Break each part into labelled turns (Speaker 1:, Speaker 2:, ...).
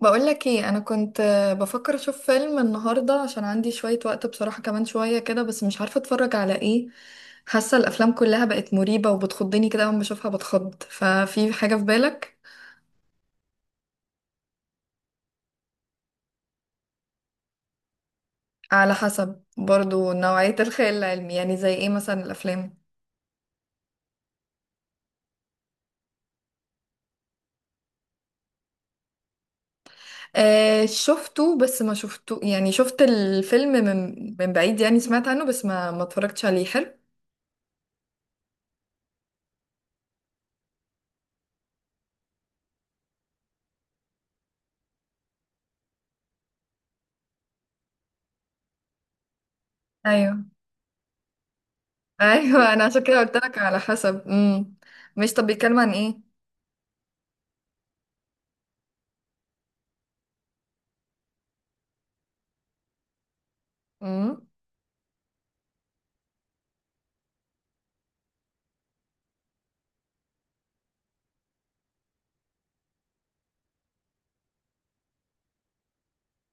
Speaker 1: بقولك ايه، انا كنت بفكر اشوف فيلم النهارده عشان عندي شوية وقت بصراحة، كمان شوية كده. بس مش عارفة اتفرج على ايه. حاسة الافلام كلها بقت مريبة وبتخضني كده، اول ما بشوفها بتخض. ففي حاجة في بالك؟ على حسب برضو نوعية الخيال العلمي، يعني زي ايه مثلا الافلام؟ آه شفته، بس ما شفته يعني، شفت الفيلم من بعيد يعني، سمعت عنه بس ما اتفرجتش عليه. حلو. ايوه، ايوه انا عشان كده قلت لك على حسب. مش، طب بيتكلم عن ايه؟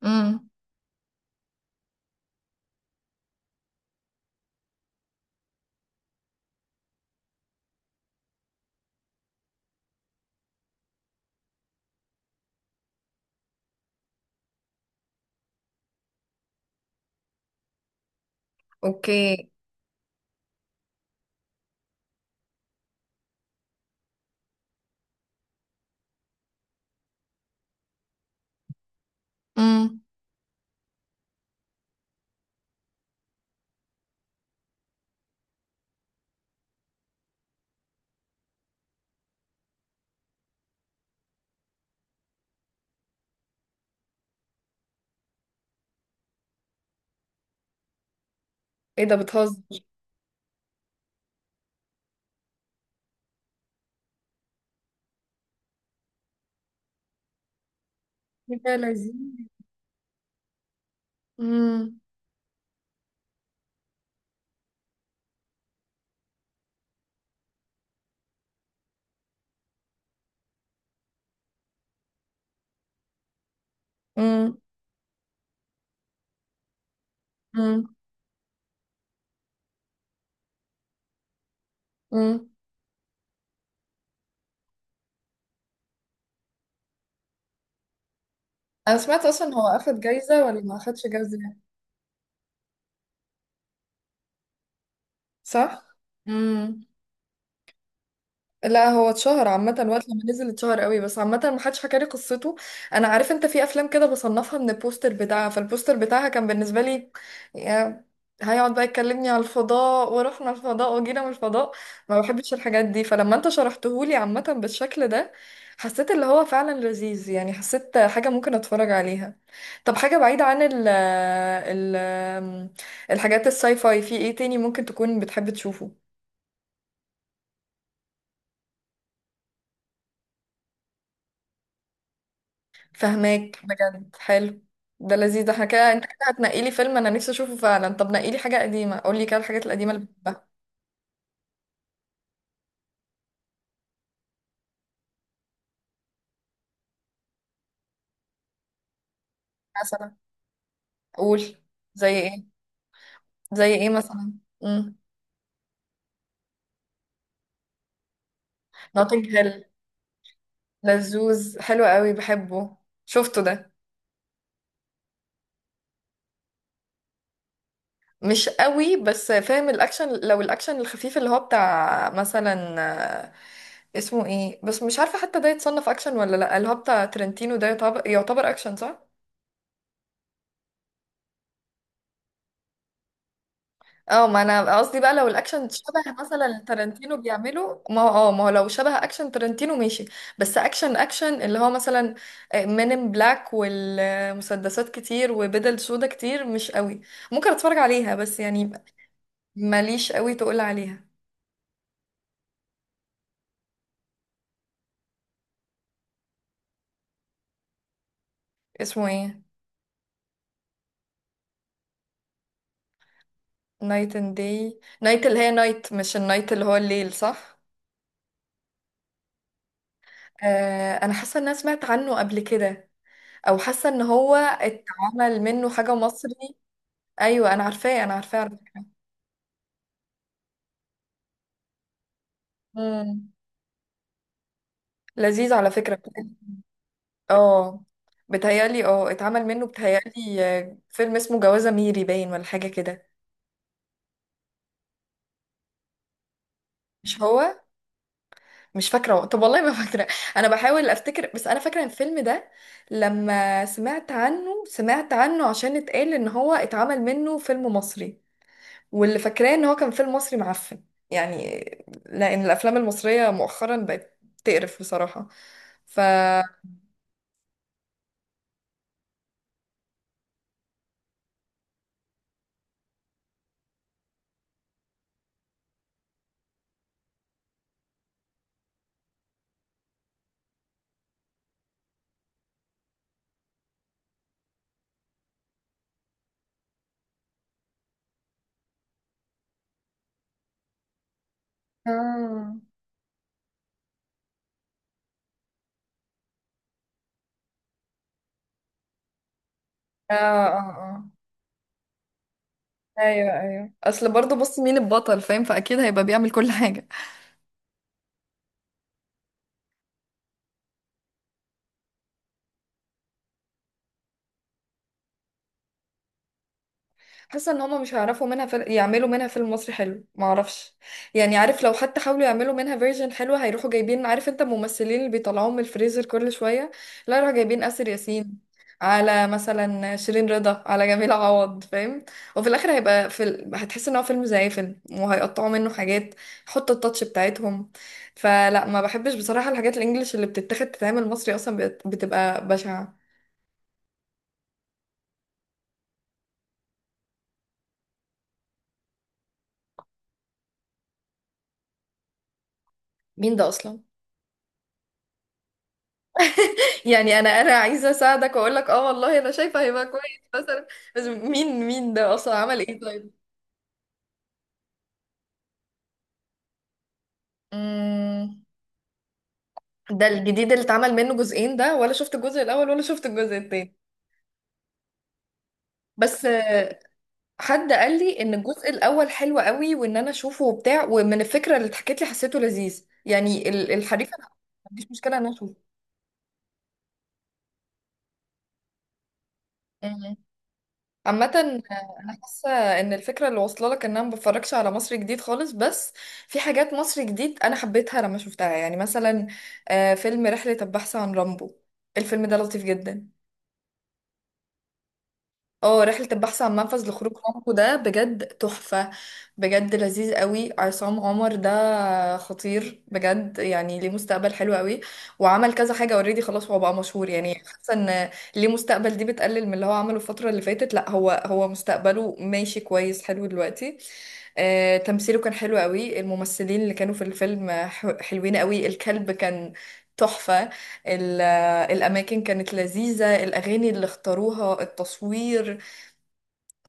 Speaker 1: امم. اوكي. امم. ايه ده، بتهزر؟ إيه ده لذيذ. امم. امم. امم. امم. انا سمعت اصلا هو اخد جايزة ولا ما اخدش جايزة؟ صح. امم. لا هو اتشهر عامة وقت لما نزل، اتشهر قوي، بس عامة محدش حكى لي قصته. انا عارف، انت في افلام كده بصنفها من البوستر بتاعها، فالبوستر بتاعها كان بالنسبة لي، يا هيقعد بقى يكلمني على الفضاء ورحنا الفضاء وجينا من الفضاء. ما بحبش الحاجات دي. فلما انت شرحتهولي عامة بالشكل ده، حسيت اللي هو فعلا لذيذ يعني، حسيت حاجة ممكن اتفرج عليها. طب حاجة بعيدة عن ال الحاجات الساي فاي، في ايه تاني ممكن تكون بتحب تشوفه؟ فهماك، بجد حلو. ده لذيذ، ده احنا كده، انت كده هتنقي لي فيلم انا نفسي اشوفه فعلا. طب نقي لي حاجه قديمه، قول لي كده الحاجات القديمه اللي بحبها. مثلا. قول. زي ايه؟ زي ايه مثلا؟ امم. نوتنج هيل. لذوذ، حلو قوي بحبه. شفته ده. مش قوي، بس فاهم. الاكشن لو الاكشن الخفيف اللي هو بتاع مثلا، آه، اسمه ايه بس مش عارفه حتى ده يتصنف اكشن ولا لا، اللي هو بتاع ترنتينو ده يعتبر، يعتبر اكشن صح؟ اه ما انا قصدي بقى لو الاكشن شبه مثلا تارانتينو بيعمله، ما هو اه ما هو لو شبه اكشن تارانتينو ماشي. بس اكشن اكشن اللي هو مثلا مين ان بلاك والمسدسات كتير وبدل سودا كتير، مش قوي. ممكن اتفرج عليها بس يعني، ماليش قوي تقول عليها. اسمه ايه؟ نايت اند داي. نايت، اللي هي نايت مش النايت اللي هو الليل، صح؟ آه انا حاسه ان انا سمعت عنه قبل كده. او حاسه ان هو اتعمل منه حاجه مصري. ايوه انا عارفاه، انا عارفاه عارفاه. مم. لذيذ على فكرة. اه بتهيألي، اه اتعمل منه، بتهيألي فيلم اسمه جوازة ميري باين ولا حاجة كده. مش هو، مش فاكرة، طب والله ما فاكرة. أنا بحاول أفتكر، بس أنا فاكرة الفيلم ده لما سمعت عنه، سمعت عنه عشان اتقال إن هو اتعمل منه فيلم مصري. واللي فاكراه إن هو كان فيلم مصري معفن يعني، لأن الأفلام المصرية مؤخرا بقت تقرف بصراحة. ف آه آه آه. ايوه، ايوه اصل برضه بص مين البطل فاهم، فاكيد هيبقى بيعمل كل حاجه. حاسه ان هما مش هيعرفوا منها فيلم، يعملوا منها فيلم مصري حلو، ما اعرفش يعني. عارف لو حتى حاولوا يعملوا منها فيرجن حلوه، هيروحوا جايبين، عارف انت الممثلين اللي بيطلعوهم من الفريزر كل شويه. لا يروحوا جايبين آسر ياسين، على مثلا شيرين رضا، على جميل عوض، فاهم؟ وفي الاخر هيبقى في ال... هتحس ان هو فيلم زي فيلم، وهيقطعوا منه حاجات، يحطوا التاتش بتاعتهم. فلا ما بحبش بصراحه الحاجات الانجليش اللي بتتاخد تتعمل مصري، اصلا بتبقى بشعه. مين ده اصلا؟ يعني انا عايزه اساعدك واقول لك اه والله انا شايفه هيبقى كويس مثلا، بس مين، مين ده اصلا عمل ايه طيب؟ مم. ده الجديد اللي اتعمل منه جزئين ده؟ ولا شفت الجزء الاول ولا شفت الجزء التاني؟ بس حد قال لي ان الجزء الاول حلو قوي وان انا اشوفه وبتاع، ومن الفكره اللي اتحكت لي حسيته لذيذ يعني، ال- الحريف، انا ما عنديش مشكله ان انا اشوفه. عامة أنا حاسة إن الفكرة اللي واصلة لك إن أنا ما بتفرجش على مصر جديد خالص، بس في حاجات مصر جديد أنا حبيتها لما شفتها. يعني مثلا فيلم رحلة البحث عن رامبو، الفيلم ده لطيف جدا. اه رحلة البحث عن منفذ لخروج عمقه، ده بجد تحفة. بجد لذيذ قوي. عصام عمر ده خطير بجد، يعني ليه مستقبل حلو قوي. وعمل كذا حاجة اوريدي، خلاص هو بقى مشهور يعني. حاسة ان ليه مستقبل، دي بتقلل من اللي هو عمله الفترة اللي فاتت، لا هو، هو مستقبله ماشي كويس حلو دلوقتي. تمثيله كان حلو قوي، الممثلين اللي كانوا في الفيلم حلوين قوي، الكلب كان تحفة، ال- الأماكن كانت لذيذة، الأغاني اللي اختاروها، التصوير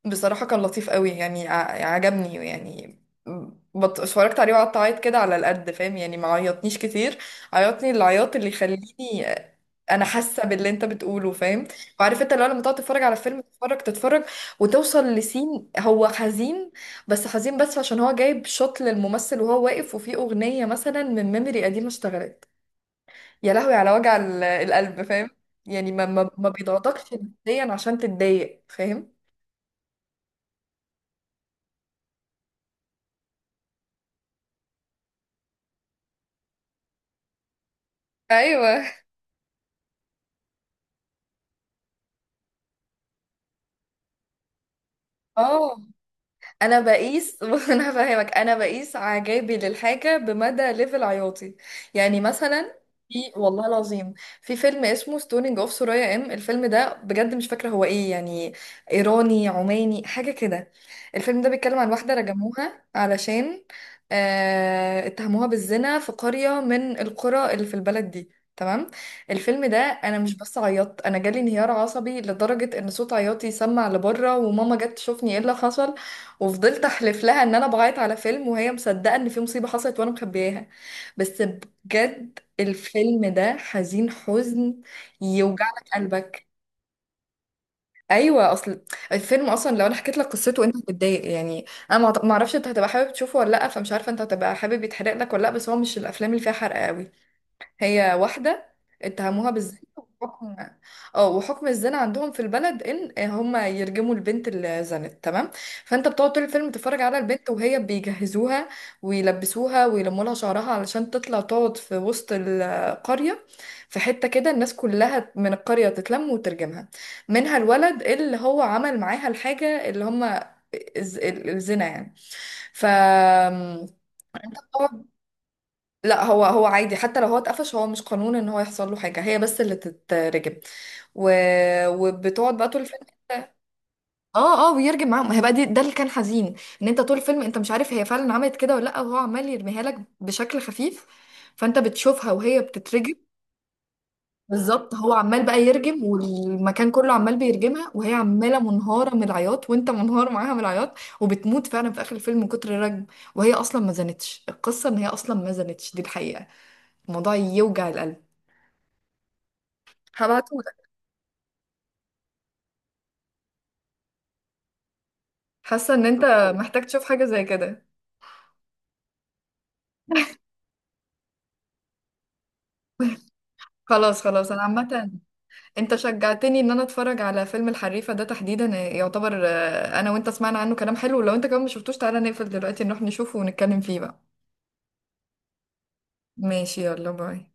Speaker 1: بصراحة كان لطيف قوي يعني، عجبني يعني. بط... اتفرجت عليه وقعدت اعيط كده على القد، فاهم يعني ما عيطنيش كتير، عيطني العياط اللي يخليني. انا حاسة باللي انت بتقوله فاهم. وعارف انت لو لما تقعد تتفرج على فيلم، تتفرج تتفرج وتوصل لسين هو حزين، بس حزين بس عشان هو جايب شوت للممثل وهو واقف، وفي اغنية مثلا من ميموري قديمة اشتغلت، يا لهوي على وجع ال- القلب، فاهم يعني؟ ما بيضغطكش نفسيا عشان تتضايق، فاهم؟ ايوه. اه انا بقيس انا فاهمك، انا بقيس اعجابي للحاجه بمدى ليفل عياطي. يعني مثلا في والله العظيم، في فيلم اسمه ستونينج اوف سورايا، ام الفيلم ده بجد مش فاكره هو ايه يعني، ايراني عماني حاجه كده. الفيلم ده بيتكلم عن واحده رجموها علشان آه اتهموها بالزنا، في قريه من القرى اللي في البلد دي. تمام. الفيلم ده انا مش بس عيطت، انا جالي انهيار عصبي لدرجه ان صوت عياطي سمع لبره، وماما جت تشوفني ايه اللي حصل. وفضلت احلف لها ان انا بعيط على فيلم، وهي مصدقه ان في مصيبه حصلت وانا مخبياها. بس بجد الفيلم ده حزين، حزن يوجع لك قلبك. ايوه اصل الفيلم اصلا لو انا حكيت لك قصته انت هتتضايق يعني. انا ما اعرفش انت هتبقى حابب تشوفه ولا لا، فمش عارفه انت هتبقى حابب يتحرق لك ولا لا، بس هو مش الافلام اللي فيها حرق قوي. هي واحدة اتهموها بالزنا، وحكم، اه وحكم الزنا عندهم في البلد ان هم يرجموا البنت اللي زنت. تمام. فانت بتقعد طول الفيلم تتفرج على البنت وهي بيجهزوها ويلبسوها ويلموا لها شعرها علشان تطلع تقعد في وسط القرية، في حتة كده الناس كلها من القرية تتلم وترجمها، منها الولد اللي هو عمل معاها الحاجة اللي هم الز- الزنا يعني. ف لا هو، هو عادي حتى لو هو اتقفش، هو مش قانون ان هو يحصل له حاجه، هي بس اللي تترجم. و... وبتقعد بقى طول الفيلم. انت- اه اه ويرجم معاهم، ما هي بقى دي ده اللي كان حزين، ان انت طول الفيلم انت مش عارف هي فعلا عملت كده ولا لا، وهو عمال يرميها لك بشكل خفيف، فانت بتشوفها وهي بتترجم. بالظبط هو عمال بقى يرجم، والمكان كله عمال بيرجمها، وهي عماله منهاره من العياط، وانت منهار معاها من العياط. وبتموت فعلا في اخر الفيلم من كتر الرجم، وهي اصلا ما زنتش، القصه ان هي اصلا ما زنتش، دي الحقيقه. الموضوع يوجع القلب. هبعتهولك. حاسه ان انت محتاج تشوف حاجه زي كده. خلاص خلاص، انا عامه انت شجعتني ان انا اتفرج على فيلم الحريفه ده تحديدا، يعتبر انا وانت سمعنا عنه كلام حلو، لو انت كمان ما شفتوش، تعالى نقفل دلوقتي نروح نشوفه ونتكلم فيه بقى. ماشي، يلا باي.